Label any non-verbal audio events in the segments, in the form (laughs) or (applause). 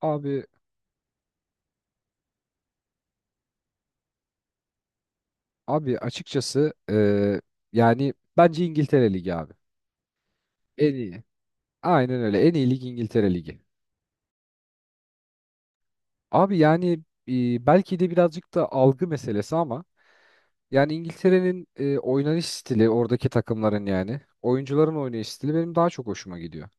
Abi abi açıkçası yani bence İngiltere Ligi abi. En iyi. Aynen öyle. En iyi lig İngiltere Ligi. Abi yani belki de birazcık da algı meselesi ama yani İngiltere'nin oynanış stili oradaki takımların yani oyuncuların oynayış stili benim daha çok hoşuma gidiyor.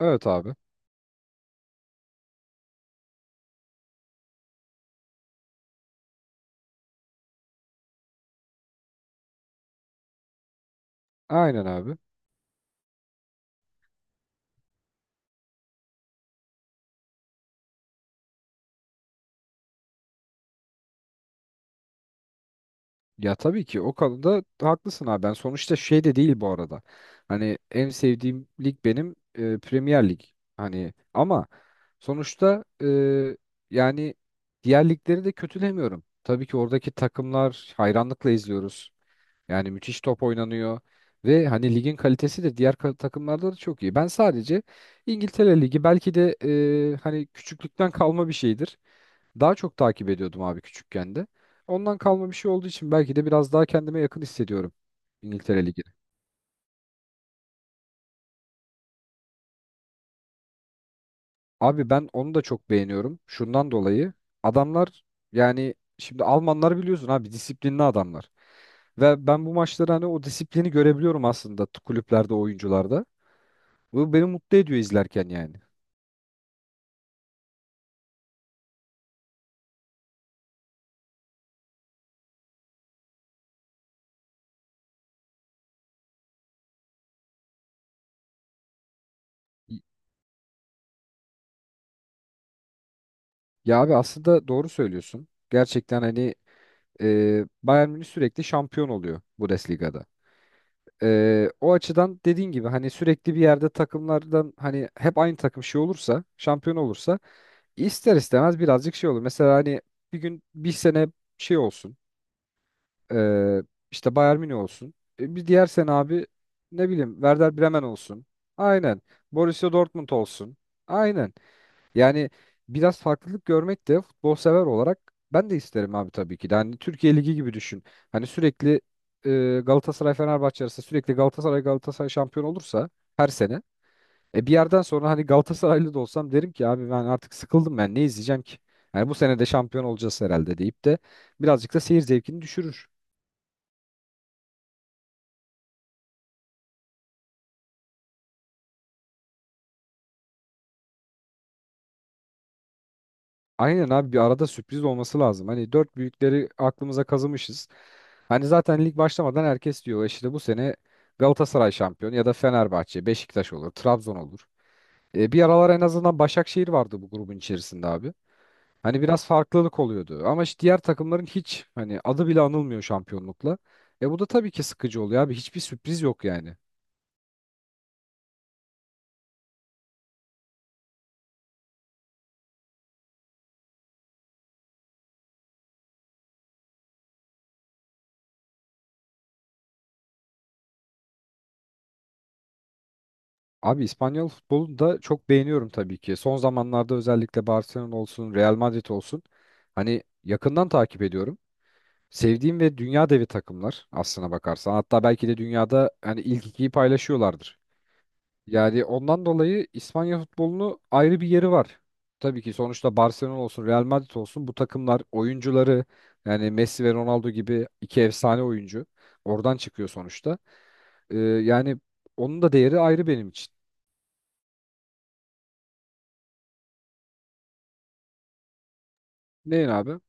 Evet abi. Aynen abi. Ya tabii ki o konuda haklısın abi. Ben sonuçta şey de değil bu arada. Hani en sevdiğim lig benim Premier Lig. Hani ama sonuçta yani diğer ligleri de kötülemiyorum. Tabii ki oradaki takımlar hayranlıkla izliyoruz. Yani müthiş top oynanıyor ve hani ligin kalitesi de diğer takımlarda da çok iyi. Ben sadece İngiltere Ligi belki de hani küçüklükten kalma bir şeydir. Daha çok takip ediyordum abi küçükken de. Ondan kalma bir şey olduğu için belki de biraz daha kendime yakın hissediyorum İngiltere Ligi'ni. Abi ben onu da çok beğeniyorum. Şundan dolayı adamlar yani şimdi Almanlar biliyorsun abi disiplinli adamlar. Ve ben bu maçları hani o disiplini görebiliyorum aslında kulüplerde, oyuncularda. Bu beni mutlu ediyor izlerken yani. Ya abi aslında doğru söylüyorsun. Gerçekten hani Bayern Münih sürekli şampiyon oluyor Bundesliga'da. O açıdan dediğin gibi hani sürekli bir yerde takımlardan hani hep aynı takım şey olursa, şampiyon olursa ister istemez birazcık şey olur. Mesela hani bir gün bir sene şey olsun. E, işte Bayern Münih olsun. Bir diğer sene abi ne bileyim Werder Bremen olsun. Aynen. Borussia Dortmund olsun. Aynen. Yani biraz farklılık görmek de futbol sever olarak ben de isterim abi tabii ki de. Hani Türkiye Ligi gibi düşün. Hani sürekli Galatasaray Fenerbahçe arası sürekli Galatasaray şampiyon olursa her sene. Bir yerden sonra hani Galatasaraylı da olsam derim ki abi ben artık sıkıldım, ben ne izleyeceğim ki? Yani bu sene de şampiyon olacağız herhalde deyip de birazcık da seyir zevkini düşürür. Aynen abi bir arada sürpriz olması lazım. Hani dört büyükleri aklımıza kazımışız. Hani zaten lig başlamadan herkes diyor, "E işte bu sene Galatasaray şampiyon ya da Fenerbahçe, Beşiktaş olur, Trabzon olur." Bir aralar en azından Başakşehir vardı bu grubun içerisinde abi. Hani biraz farklılık oluyordu ama işte diğer takımların hiç hani adı bile anılmıyor şampiyonlukla. Bu da tabii ki sıkıcı oluyor abi. Hiçbir sürpriz yok yani. Abi İspanyol futbolunu da çok beğeniyorum tabii ki. Son zamanlarda özellikle Barcelona olsun, Real Madrid olsun. Hani yakından takip ediyorum. Sevdiğim ve dünya devi takımlar aslına bakarsan. Hatta belki de dünyada hani ilk ikiyi paylaşıyorlardır. Yani ondan dolayı İspanya futbolunu ayrı bir yeri var. Tabii ki sonuçta Barcelona olsun, Real Madrid olsun, bu takımlar oyuncuları yani Messi ve Ronaldo gibi iki efsane oyuncu oradan çıkıyor sonuçta. Yani onun da değeri ayrı benim için. Neyin abi?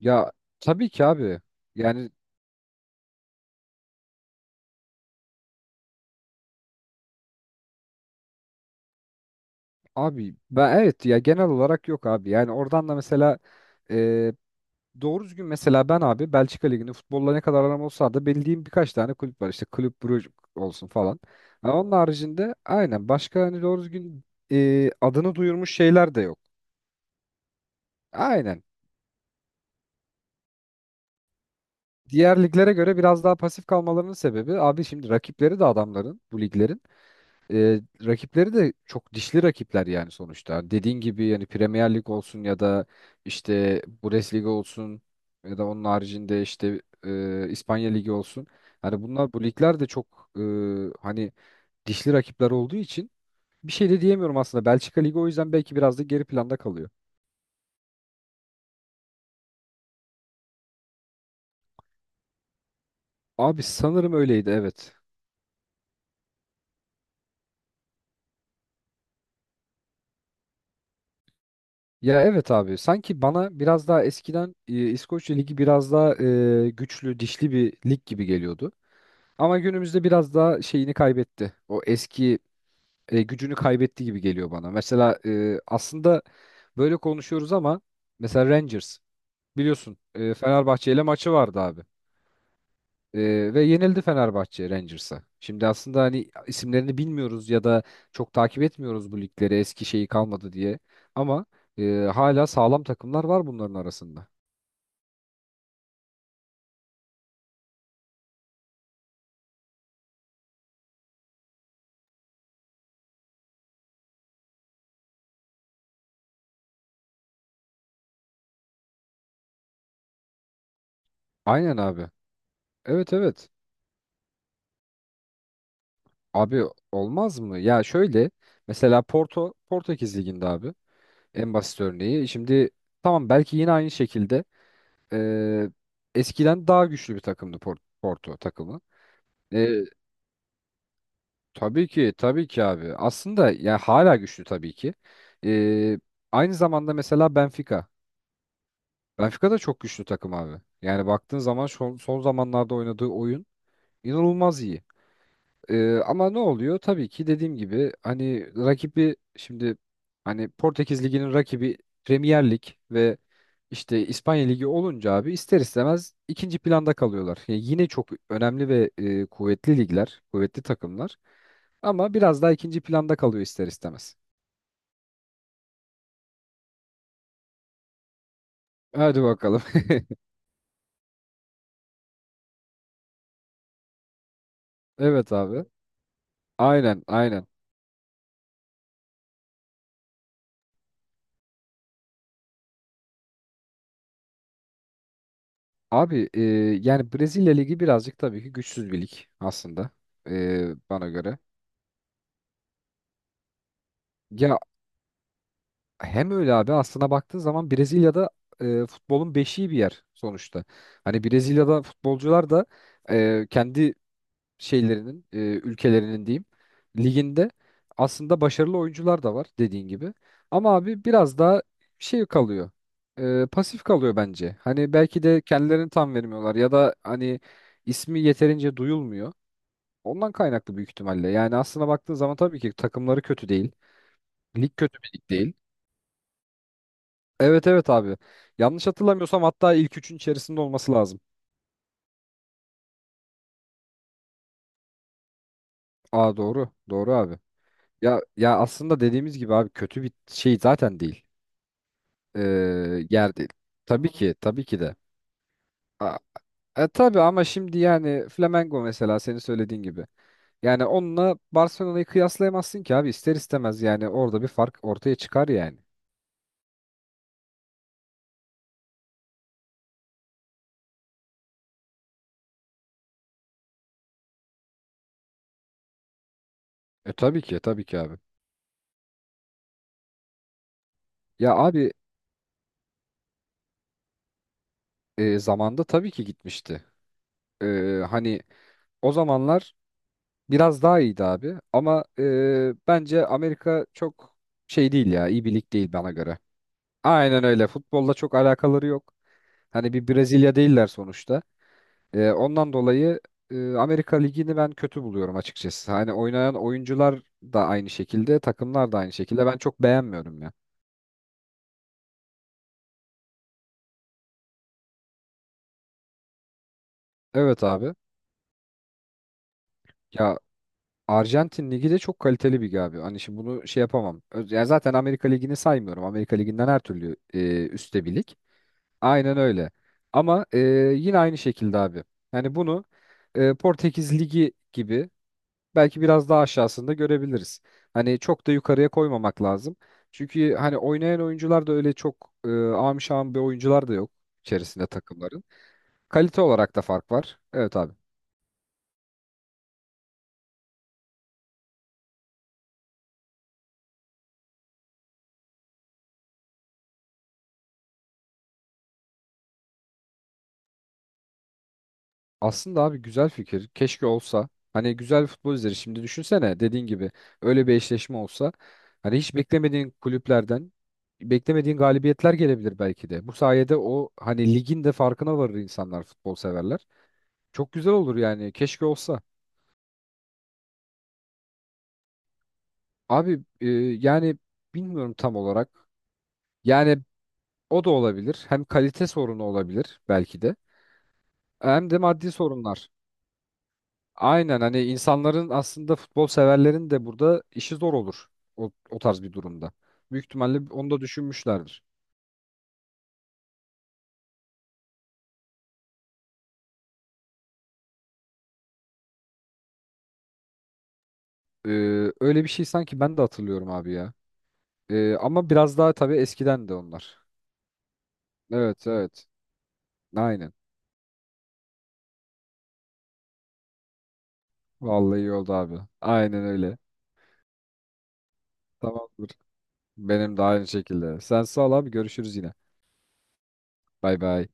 Ya tabii ki abi. Yani abi ben, evet ya, genel olarak yok abi. Yani oradan da mesela e, doğru düzgün, mesela ben abi Belçika Ligi'nde futbolla ne kadar aram olsa da bildiğim birkaç tane kulüp var. İşte Kulüp Brugge olsun falan. Ha, onun haricinde aynen başka hani doğru düzgün adını duyurmuş şeyler de yok. Aynen. Diğer liglere göre biraz daha pasif kalmalarının sebebi abi, şimdi rakipleri de adamların bu liglerin. Rakipleri de çok dişli rakipler yani sonuçta. Dediğin gibi yani Premier Lig olsun ya da işte Bundesliga olsun ya da onun haricinde işte İspanya Ligi olsun. Hani bunlar, bu ligler de çok hani dişli rakipler olduğu için bir şey de diyemiyorum aslında. Belçika Ligi o yüzden belki biraz da geri planda kalıyor. Abi sanırım öyleydi, evet. Ya evet abi, sanki bana biraz daha eskiden İskoçya Ligi biraz daha güçlü, dişli bir lig gibi geliyordu. Ama günümüzde biraz daha şeyini kaybetti. O eski gücünü kaybetti gibi geliyor bana. Mesela aslında böyle konuşuyoruz ama mesela Rangers, biliyorsun Fenerbahçe ile maçı vardı abi. Ve yenildi Fenerbahçe Rangers'a. Şimdi aslında hani isimlerini bilmiyoruz ya da çok takip etmiyoruz bu ligleri, eski şeyi kalmadı diye. Ama e, hala sağlam takımlar var bunların arasında. Aynen abi. Evet, evet. Abi olmaz mı? Ya şöyle, mesela Porto Portekiz liginde abi. En basit örneği. Şimdi tamam, belki yine aynı şekilde eee, eskiden daha güçlü bir takımdı Porto takımı. Eee, tabii ki tabii ki abi. Aslında yani hala güçlü tabii ki. Eee, aynı zamanda mesela Benfica. Benfica da çok güçlü takım abi. Yani baktığın zaman son zamanlarda oynadığı oyun inanılmaz iyi. Ama ne oluyor? Tabii ki dediğim gibi hani rakibi şimdi, hani Portekiz Ligi'nin rakibi Premier Lig ve işte İspanya Ligi olunca abi ister istemez ikinci planda kalıyorlar. Yani yine çok önemli ve kuvvetli ligler, kuvvetli takımlar ama biraz daha ikinci planda kalıyor ister istemez. Hadi bakalım. (laughs) Evet abi. Aynen, aynen. Abi yani Brezilya Ligi birazcık tabii ki güçsüz bir lig aslında, bana göre. Ya hem öyle abi, aslına baktığın zaman Brezilya'da futbolun beşiği bir yer sonuçta. Hani Brezilya'da futbolcular da kendi şeylerinin, ülkelerinin diyeyim, liginde aslında başarılı oyuncular da var dediğin gibi. Ama abi biraz daha şey kalıyor. Pasif kalıyor bence. Hani belki de kendilerini tam vermiyorlar ya da hani ismi yeterince duyulmuyor. Ondan kaynaklı büyük ihtimalle. Yani aslına baktığın zaman tabii ki takımları kötü değil. Lig kötü bir lig değil. Evet, evet abi. Yanlış hatırlamıyorsam hatta ilk üçün içerisinde olması lazım. Aa, doğru. Doğru abi. Ya aslında dediğimiz gibi abi, kötü bir şey zaten değil. Ee, yer değil. Tabii ki, tabii ki de. Aa, tabii, ama şimdi yani Flamengo mesela senin söylediğin gibi. Yani onunla Barcelona'yı kıyaslayamazsın ki abi, ister istemez yani orada bir fark ortaya çıkar yani. Tabii ki, tabii ki abi. Ya abi zamanda tabii ki gitmişti. Hani o zamanlar biraz daha iyiydi abi ama bence Amerika çok şey değil ya, iyi bir lig değil bana göre. Aynen öyle, futbolla çok alakaları yok. Hani bir Brezilya değiller sonuçta. Ondan dolayı Amerika Ligi'ni ben kötü buluyorum açıkçası. Hani oynayan oyuncular da aynı şekilde, takımlar da aynı şekilde, ben çok beğenmiyorum ya. Evet abi, ya Arjantin Ligi de çok kaliteli bir lig abi. Hani şimdi bunu şey yapamam. Ya zaten Amerika Ligi'ni saymıyorum. Amerika Ligi'nden her türlü üstte bir lig. Aynen öyle. Ama yine aynı şekilde abi. Yani bunu Portekiz Ligi gibi belki biraz daha aşağısında görebiliriz. Hani çok da yukarıya koymamak lazım. Çünkü hani oynayan oyuncular da öyle çok am şam bir oyuncular da yok içerisinde takımların. Kalite olarak da fark var. Evet abi. Aslında abi güzel fikir. Keşke olsa. Hani güzel futbol izleri. Şimdi düşünsene, dediğin gibi öyle bir eşleşme olsa. Hani hiç beklemediğin kulüplerden beklemediğin galibiyetler gelebilir belki de. Bu sayede o hani ligin de farkına varır insanlar, futbol severler. Çok güzel olur yani. Keşke olsa. Abi yani bilmiyorum tam olarak. Yani o da olabilir. Hem kalite sorunu olabilir belki de. Hem de maddi sorunlar. Aynen, hani insanların, aslında futbol severlerin de burada işi zor olur o tarz bir durumda. Büyük ihtimalle onu da düşünmüşlerdir. Ee, öyle bir şey sanki ben de hatırlıyorum abi ya. Ama biraz daha tabii eskiden de onlar. Evet, evet. Aynen. Vallahi iyi oldu abi. Aynen öyle. Tamamdır. Benim de aynı şekilde. Sen sağ ol abi, görüşürüz yine. Bay bay.